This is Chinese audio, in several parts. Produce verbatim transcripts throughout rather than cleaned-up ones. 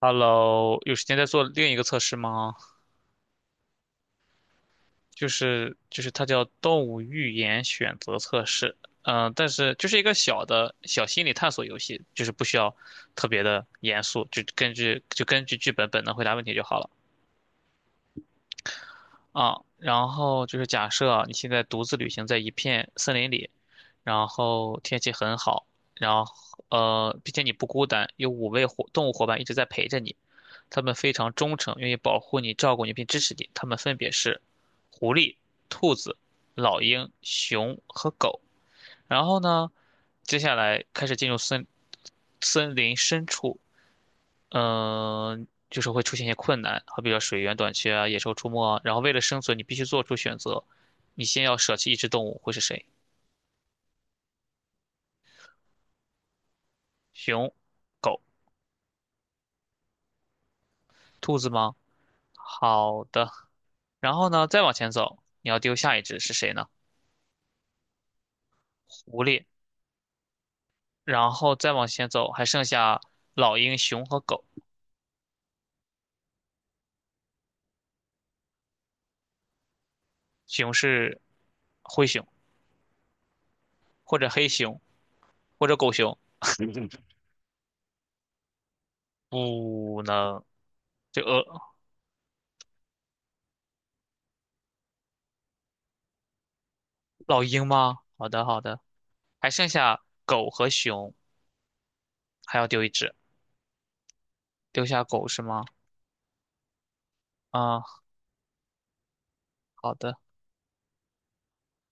Hello，有时间再做另一个测试吗？就是就是它叫动物预言选择测试，嗯、但是就是一个小的小心理探索游戏，就是不需要特别的严肃，就根据就根据剧本本能回答问题就好了。啊，然后就是假设你现在独自旅行在一片森林里，然后天气很好，然后呃，并且你不孤单，有五位伙动物伙伴一直在陪着你，他们非常忠诚，愿意保护你、照顾你并支持你。他们分别是狐狸、兔子、老鹰、熊和狗。然后呢，接下来开始进入森森林深处，嗯、就是会出现一些困难，好比说水源短缺啊，野兽出没啊。然后为了生存，你必须做出选择，你先要舍弃一只动物，会是谁？熊、狗、兔子吗？好的，然后呢，再往前走，你要丢下一只是谁呢？狐狸。然后再往前走，还剩下老鹰、熊和狗。熊是灰熊，或者黑熊，或者狗熊。不能，这呃，老鹰吗？好的，好的，还剩下狗和熊。还要丢一只，丢下狗是吗？啊，好的，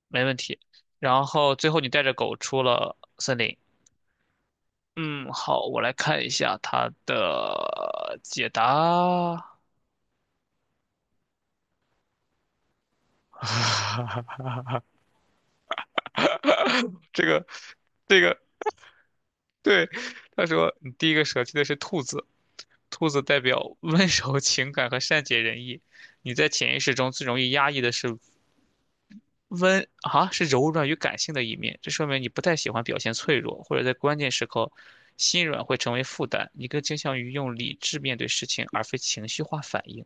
没问题。然后最后你带着狗出了森林。嗯，好，我来看一下它的解答。这个，这个，对，他说你第一个舍弃的是兔子，兔子代表温 柔、情感和善解人意。你在潜意识中最容易压抑的是温啊是柔软与感性的一面，这说明你不太喜欢表现脆弱，或者在关键时刻心软会成为负担。你更倾向于用理智面对事情，而非情绪化反应。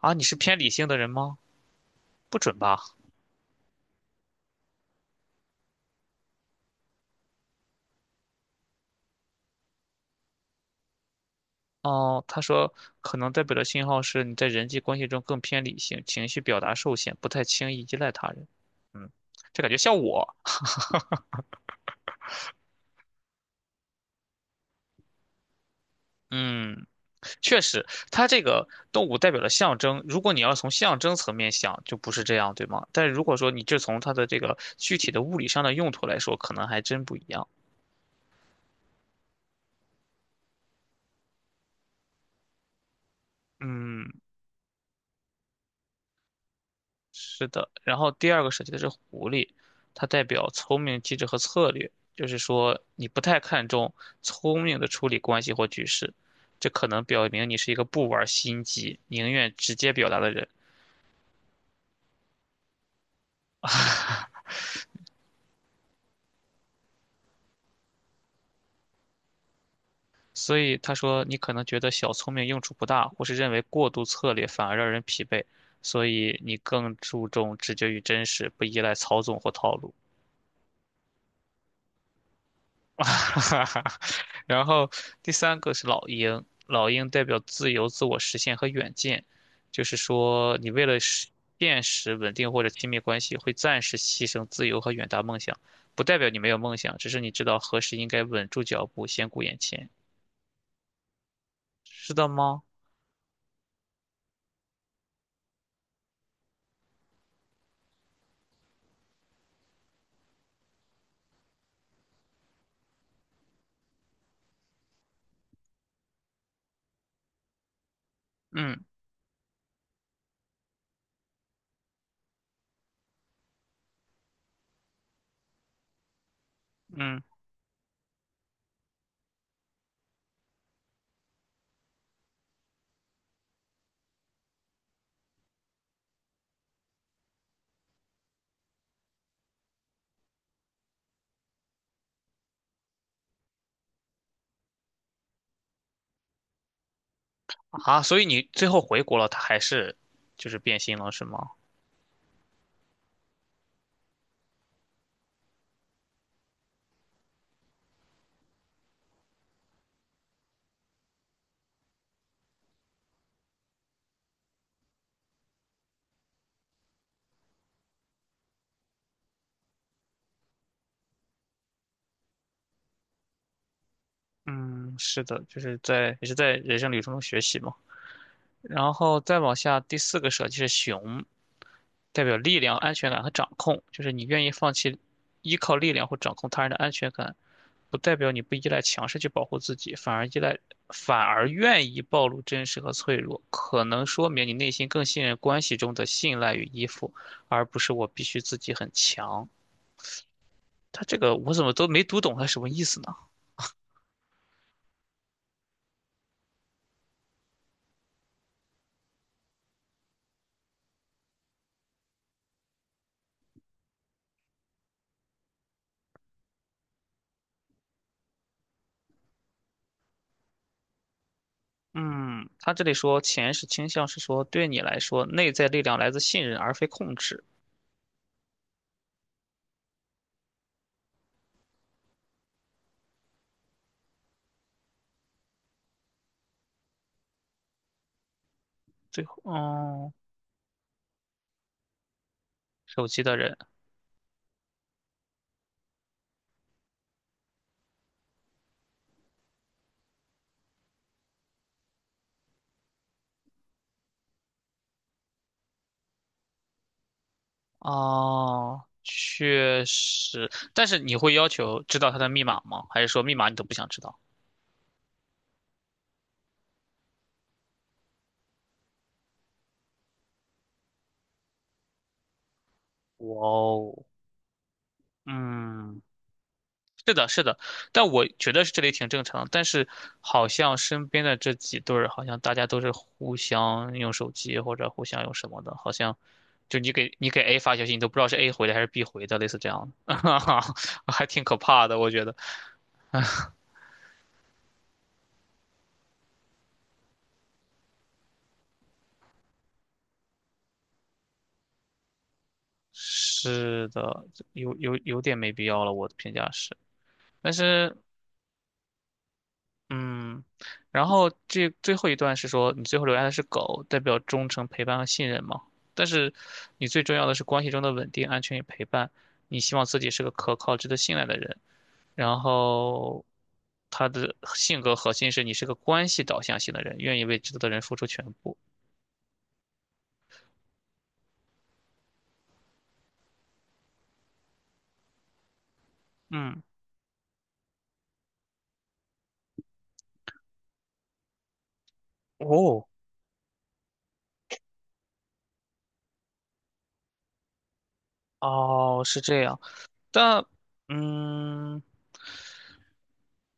啊，你是偏理性的人吗？不准吧？哦，他说可能代表的信号是你在人际关系中更偏理性，情绪表达受限，不太轻易依赖他人。嗯，这感觉像我。嗯。确实，它这个动物代表了象征。如果你要从象征层面想，就不是这样，对吗？但如果说你就从它的这个具体的物理上的用途来说，可能还真不一样。嗯，是的。然后第二个设计的是狐狸，它代表聪明、机智和策略，就是说你不太看重聪明的处理关系或局势，这可能表明你是一个不玩心机、宁愿直接表达的人。所以他说，你可能觉得小聪明用处不大，或是认为过度策略反而让人疲惫，所以你更注重直觉与真实，不依赖操纵或套路。然后第三个是老鹰，老鹰代表自由、自我实现和远见，就是说你为了实现实、稳定或者亲密关系，会暂时牺牲自由和远大梦想，不代表你没有梦想，只是你知道何时应该稳住脚步，先顾眼前，是的吗？嗯嗯。啊，所以你最后回国了，他还是就是变心了，是吗？嗯，是的，就是在也是在人生旅程中学习嘛。然后再往下，第四个舍弃是熊，代表力量、安全感和掌控，就是你愿意放弃依靠力量或掌控他人的安全感，不代表你不依赖强势去保护自己，反而依赖，反而愿意暴露真实和脆弱，可能说明你内心更信任关系中的信赖与依附，而不是我必须自己很强。他这个我怎么都没读懂他什么意思呢？嗯，他这里说钱是倾向是说对你来说，内在力量来自信任而非控制。最后，嗯，手机的人，哦，确实，但是你会要求知道他的密码吗？还是说密码你都不想知道？哇哦，嗯，是的，是的，但我觉得是这里挺正常，但是好像身边的这几对儿，好像大家都是互相用手机或者互相用什么的，好像就你给你给 A 发消息，你都不知道是 A 回的还是 B 回的，类似这样的，还挺可怕的，我觉得。是的，有有有点没必要了，我的评价是，但是嗯，然后这最后一段是说你最后留下的是狗，代表忠诚、陪伴和信任嘛。但是你最重要的是关系中的稳定、安全与陪伴。你希望自己是个可靠、值得信赖的人。然后他的性格核心是你是个关系导向型的人，愿意为值得的人付出全部。嗯，哦，哦，是这样。但嗯。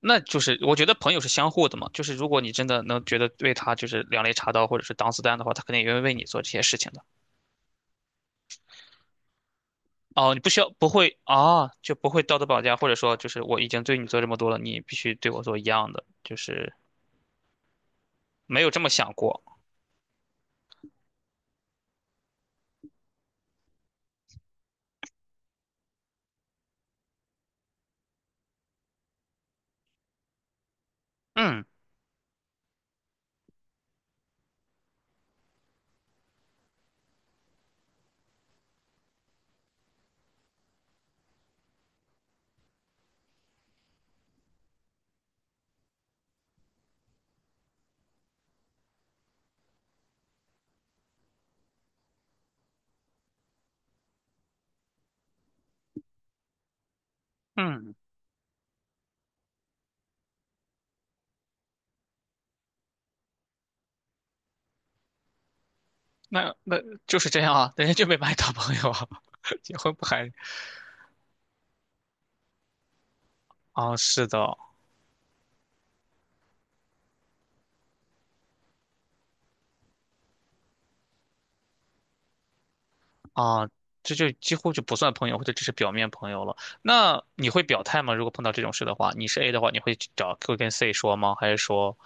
那就是我觉得朋友是相互的嘛，就是如果你真的能觉得为他就是两肋插刀或者是挡子弹的话，他肯定也意为你做这些事情的。哦，你不需要不会啊，就不会道德绑架，或者说就是我已经对你做这么多了，你必须对我做一样的，就是没有这么想过。嗯嗯，那那就是这样啊，人家就没把你当朋友啊，结婚不还啊？是的，啊，这就几乎就不算朋友，或者只是表面朋友了。那你会表态吗？如果碰到这种事的话，你是 A 的话，你会去找会跟 C 说吗？还是说，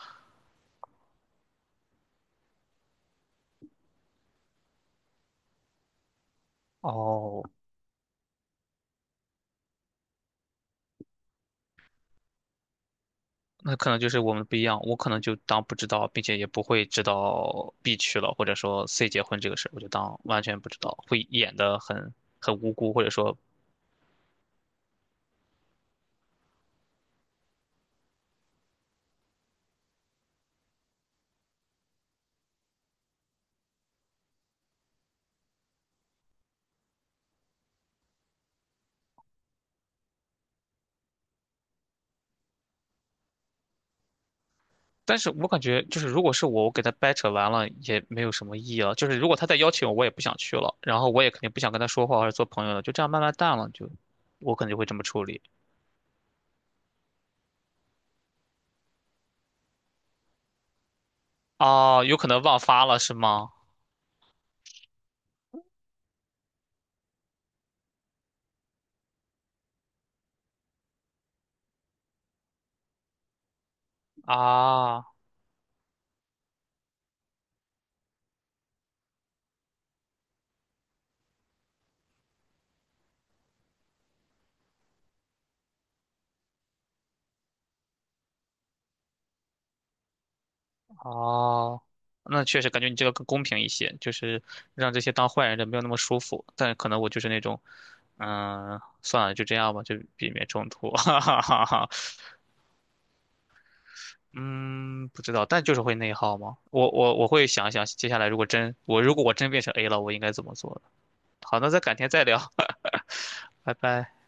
哦，那可能就是我们不一样，我可能就当不知道，并且也不会知道 B 去了，或者说 C 结婚这个事儿我就当完全不知道，会演的很很无辜，或者说但是我感觉就是，如果是我，我给他掰扯完了也没有什么意义了。就是如果他再邀请我，我也不想去了，然后我也肯定不想跟他说话或者做朋友了，就这样慢慢淡了，就我可能就会这么处理。哦，有可能忘发了是吗？啊，哦，那确实感觉你这个更公平一些，就是让这些当坏人的没有那么舒服。但可能我就是那种，嗯，算了，就这样吧，就避免冲突。哈哈哈哈，嗯，不知道，但就是会内耗吗？我我我会想一想，接下来如果真我如果我真变成 A 了，我应该怎么做的。好，那咱改天再聊，拜拜。